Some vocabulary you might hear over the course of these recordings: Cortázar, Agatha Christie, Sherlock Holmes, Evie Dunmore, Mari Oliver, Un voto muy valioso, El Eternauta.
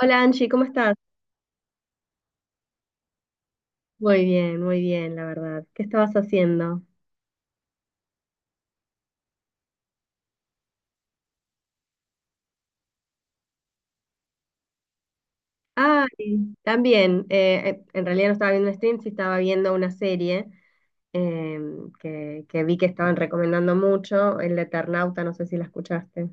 Hola Angie, ¿cómo estás? Muy bien, la verdad. ¿Qué estabas haciendo? Ay, también, en realidad no estaba viendo un stream, sí estaba viendo una serie eh, que vi que estaban recomendando mucho, El Eternauta, no sé si la escuchaste.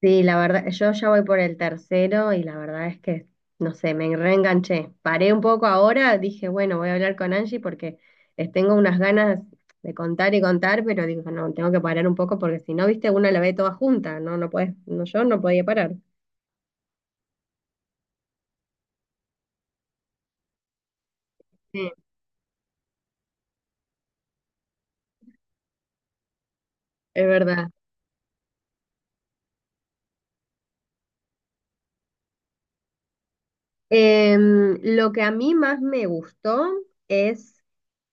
Sí, la verdad, yo ya voy por el tercero y la verdad es que, no sé, me reenganché. Paré un poco ahora, dije, bueno, voy a hablar con Angie porque les tengo unas ganas de contar y contar, pero digo, no, tengo que parar un poco porque si no, viste, uno la ve toda junta, no, no puedes, no, yo no podía parar. Sí, es verdad. Lo que a mí más me gustó es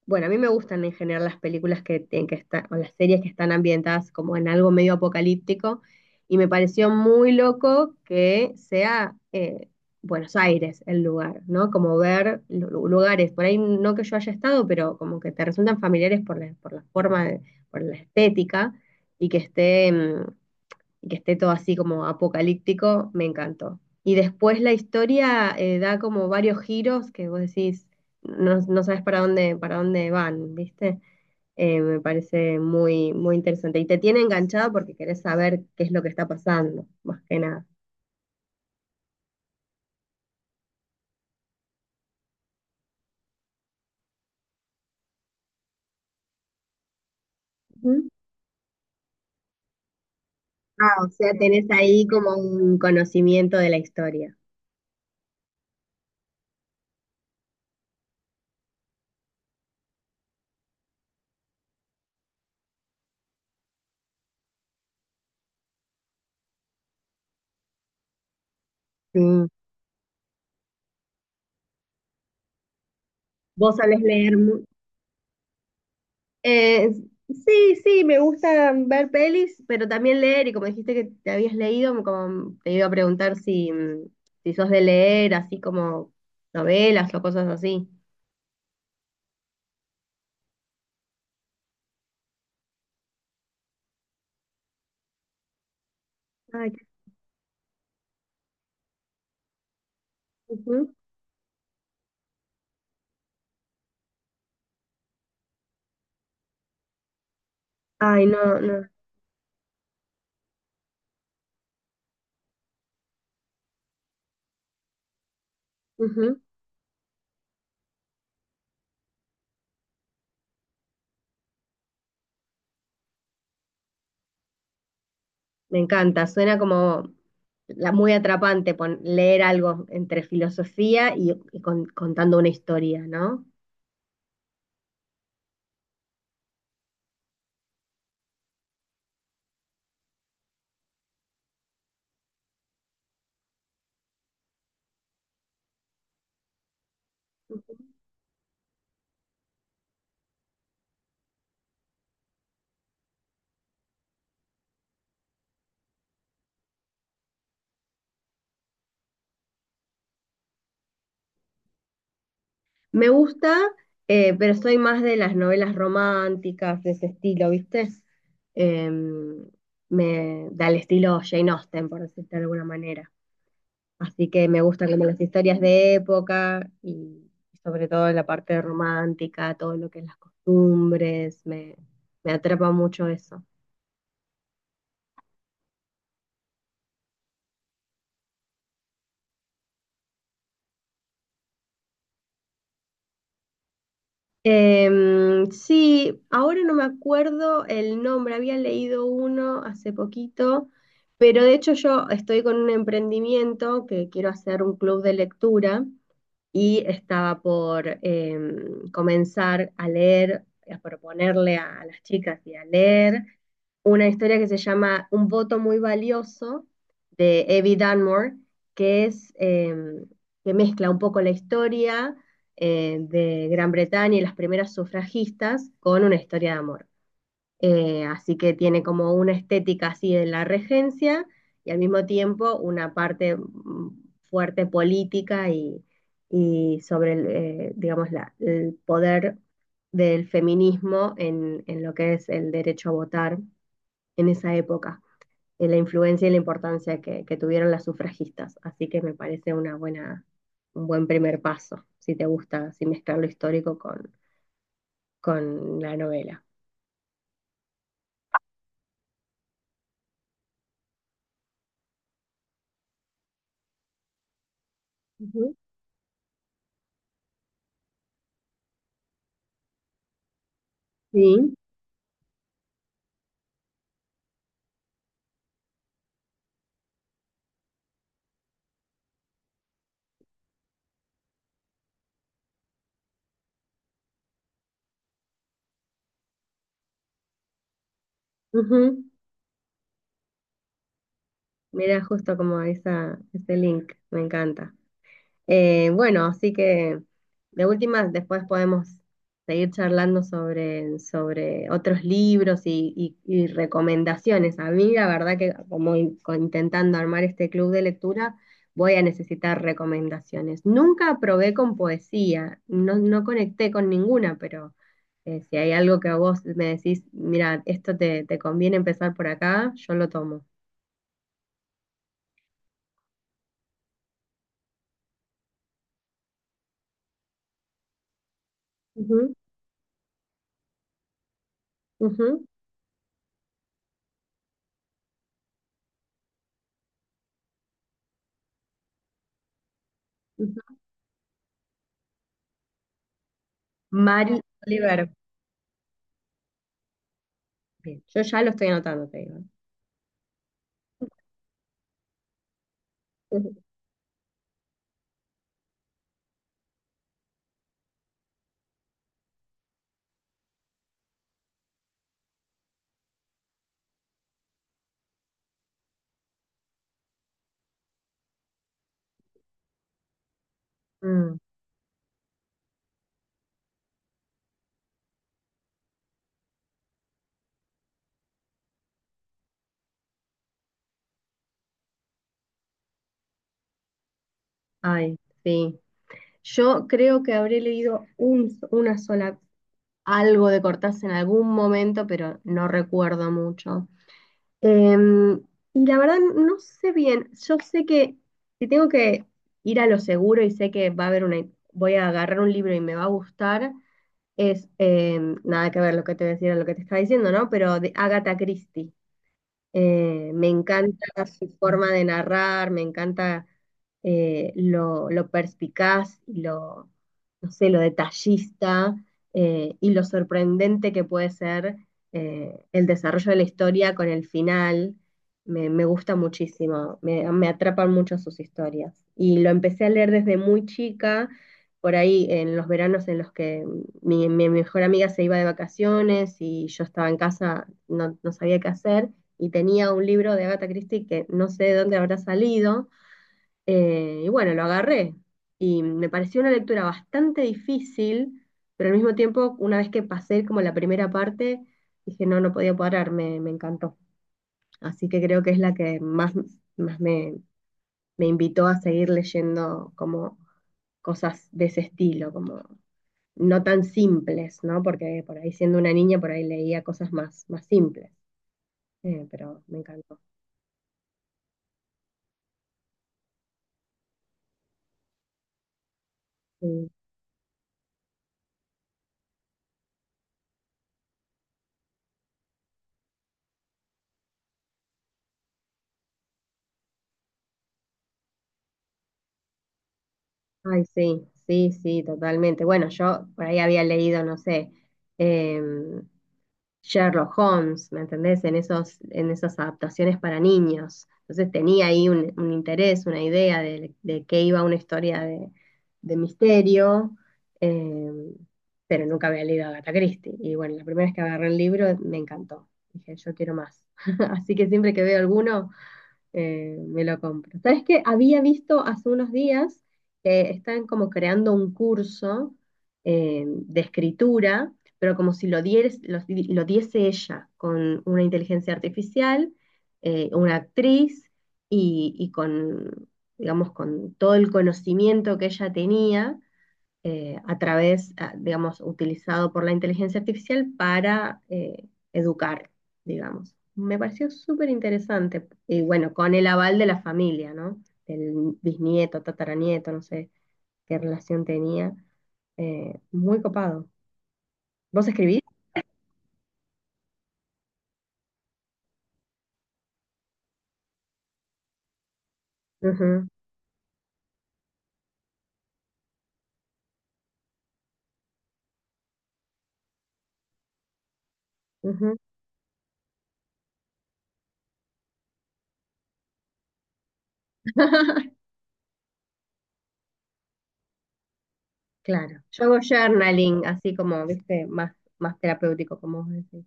bueno, a mí me gustan en general las películas que tienen que estar, o las series que están ambientadas como en algo medio apocalíptico, y me pareció muy loco que sea Buenos Aires el lugar, ¿no? Como ver lugares, por ahí no que yo haya estado, pero como que te resultan familiares por la forma, por la estética, y que esté, mm, y que esté todo así como apocalíptico, me encantó. Y después la historia da como varios giros que vos decís, no, no sabes para dónde van, ¿viste? Me parece muy, muy interesante. Y te tiene enganchado porque querés saber qué es lo que está pasando, más que nada. Ujú. Ah, o sea, tenés ahí como un conocimiento de la historia. Sí. ¿Vos sabés leer? Eh, sí, sí, me gusta ver pelis, pero también leer, y como dijiste que te habías leído, como te iba a preguntar si, si sos de leer, así como novelas o cosas así. Ay, qué, ujú. Ay, no, no. Ujú. Me encanta, suena como la, muy atrapante leer algo entre filosofía y, y contando una historia, ¿no? Me gusta, pero soy más de las novelas románticas, de ese estilo, ¿viste? Em, Me da el estilo Jane Austen, por decirlo de alguna manera. Así que me gustan como las historias de época y sobre todo la parte romántica, todo lo que es las costumbres, me atrapa mucho eso. Sí, ahora no me acuerdo el nombre, había leído uno hace poquito, pero de hecho yo estoy con un emprendimiento que quiero hacer un club de lectura y estaba por comenzar a leer, a proponerle a las chicas y a leer una historia que se llama Un voto muy valioso de Evie Dunmore, que es que mezcla un poco la historia de Gran Bretaña y las primeras sufragistas con una historia de amor. Así que tiene como una estética así de la regencia y al mismo tiempo una parte fuerte política y sobre el, digamos, el poder del feminismo en lo que es el derecho a votar en esa época, en la influencia y la importancia que tuvieron las sufragistas. Así que me parece una buena, un buen primer paso, si te gusta, si mezclar lo histórico con la novela. Ujú. Sí. Ujú. Mira, justo como esa, ese link, me encanta. Bueno, así que de última, después podemos seguir charlando sobre, sobre otros libros y, y recomendaciones. A mí, la verdad que como intentando armar este club de lectura, voy a necesitar recomendaciones. Nunca probé con poesía, no, no conecté con ninguna, pero si hay algo que vos me decís, mira, esto te, te conviene empezar por acá, yo lo tomo. Ujú, ujú. Ujú. Mari Oliver. Bien, yo ya lo estoy anotando, te digo. Ujú. Mm, ay, sí. Yo creo que habré leído una sola, algo de Cortázar en algún momento, pero no recuerdo mucho. Em, y la verdad no sé bien. Yo sé que si tengo que ir a lo seguro y sé que va a haber una, voy a agarrar un libro y me va a gustar, es nada que ver lo que te decía, lo que te estaba diciendo, ¿no? Pero de Agatha Christie. Me encanta su forma de narrar, me encanta lo perspicaz y lo, no sé, lo detallista y lo sorprendente que puede ser el desarrollo de la historia con el final. Me gusta muchísimo, me atrapan mucho sus historias. Y lo empecé a leer desde muy chica, por ahí en los veranos en los que mi mejor amiga se iba de vacaciones y yo estaba en casa, no, no sabía qué hacer y tenía un libro de Agatha Christie que no sé de dónde habrá salido, y bueno, lo agarré. Y me pareció una lectura bastante difícil, pero al mismo tiempo, una vez que pasé como la primera parte, dije, no, no podía parar, me encantó. Así que creo que es la que más, más me, me invitó a seguir leyendo como cosas de ese estilo, como no tan simples, ¿no? Porque por ahí siendo una niña, por ahí leía cosas más, más simples, pero me encantó. Y ay, sí, sí, sí, totalmente. Bueno, yo por ahí había leído, no sé, em, Sherlock Holmes, ¿me entendés? En esos, en esas adaptaciones para niños. Entonces tenía ahí un interés, una idea de qué iba una historia de misterio, em, pero nunca había leído a Agatha Christie. Y bueno, la primera vez que agarré el libro me encantó. Dije, yo quiero más. Así que siempre que veo alguno me lo compro. ¿Sabes qué? Había visto hace unos días que están como creando un curso de escritura, pero como si lo, lo diese ella, con una inteligencia artificial, una actriz y con, digamos, con todo el conocimiento que ella tenía a través, ah, digamos, utilizado por la inteligencia artificial para educar, digamos. Me pareció súper interesante. Y bueno, con el aval de la familia, ¿no? Del bisnieto, tataranieto, no sé qué relación tenía. Muy copado. ¿Vos escribís? Ujú, ujú, claro. Yo hago journaling, así como, viste, más, más terapéutico, como vos decís.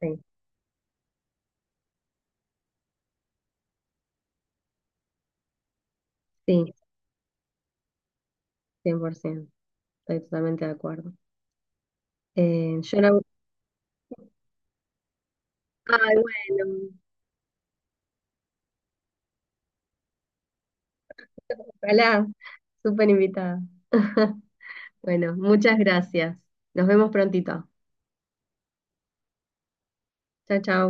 Sí, sí, 100%. Estoy totalmente de acuerdo. Yo no... Ay, bueno. Hola, súper invitada. Bueno, muchas gracias. Nos vemos prontito. Chao, chao.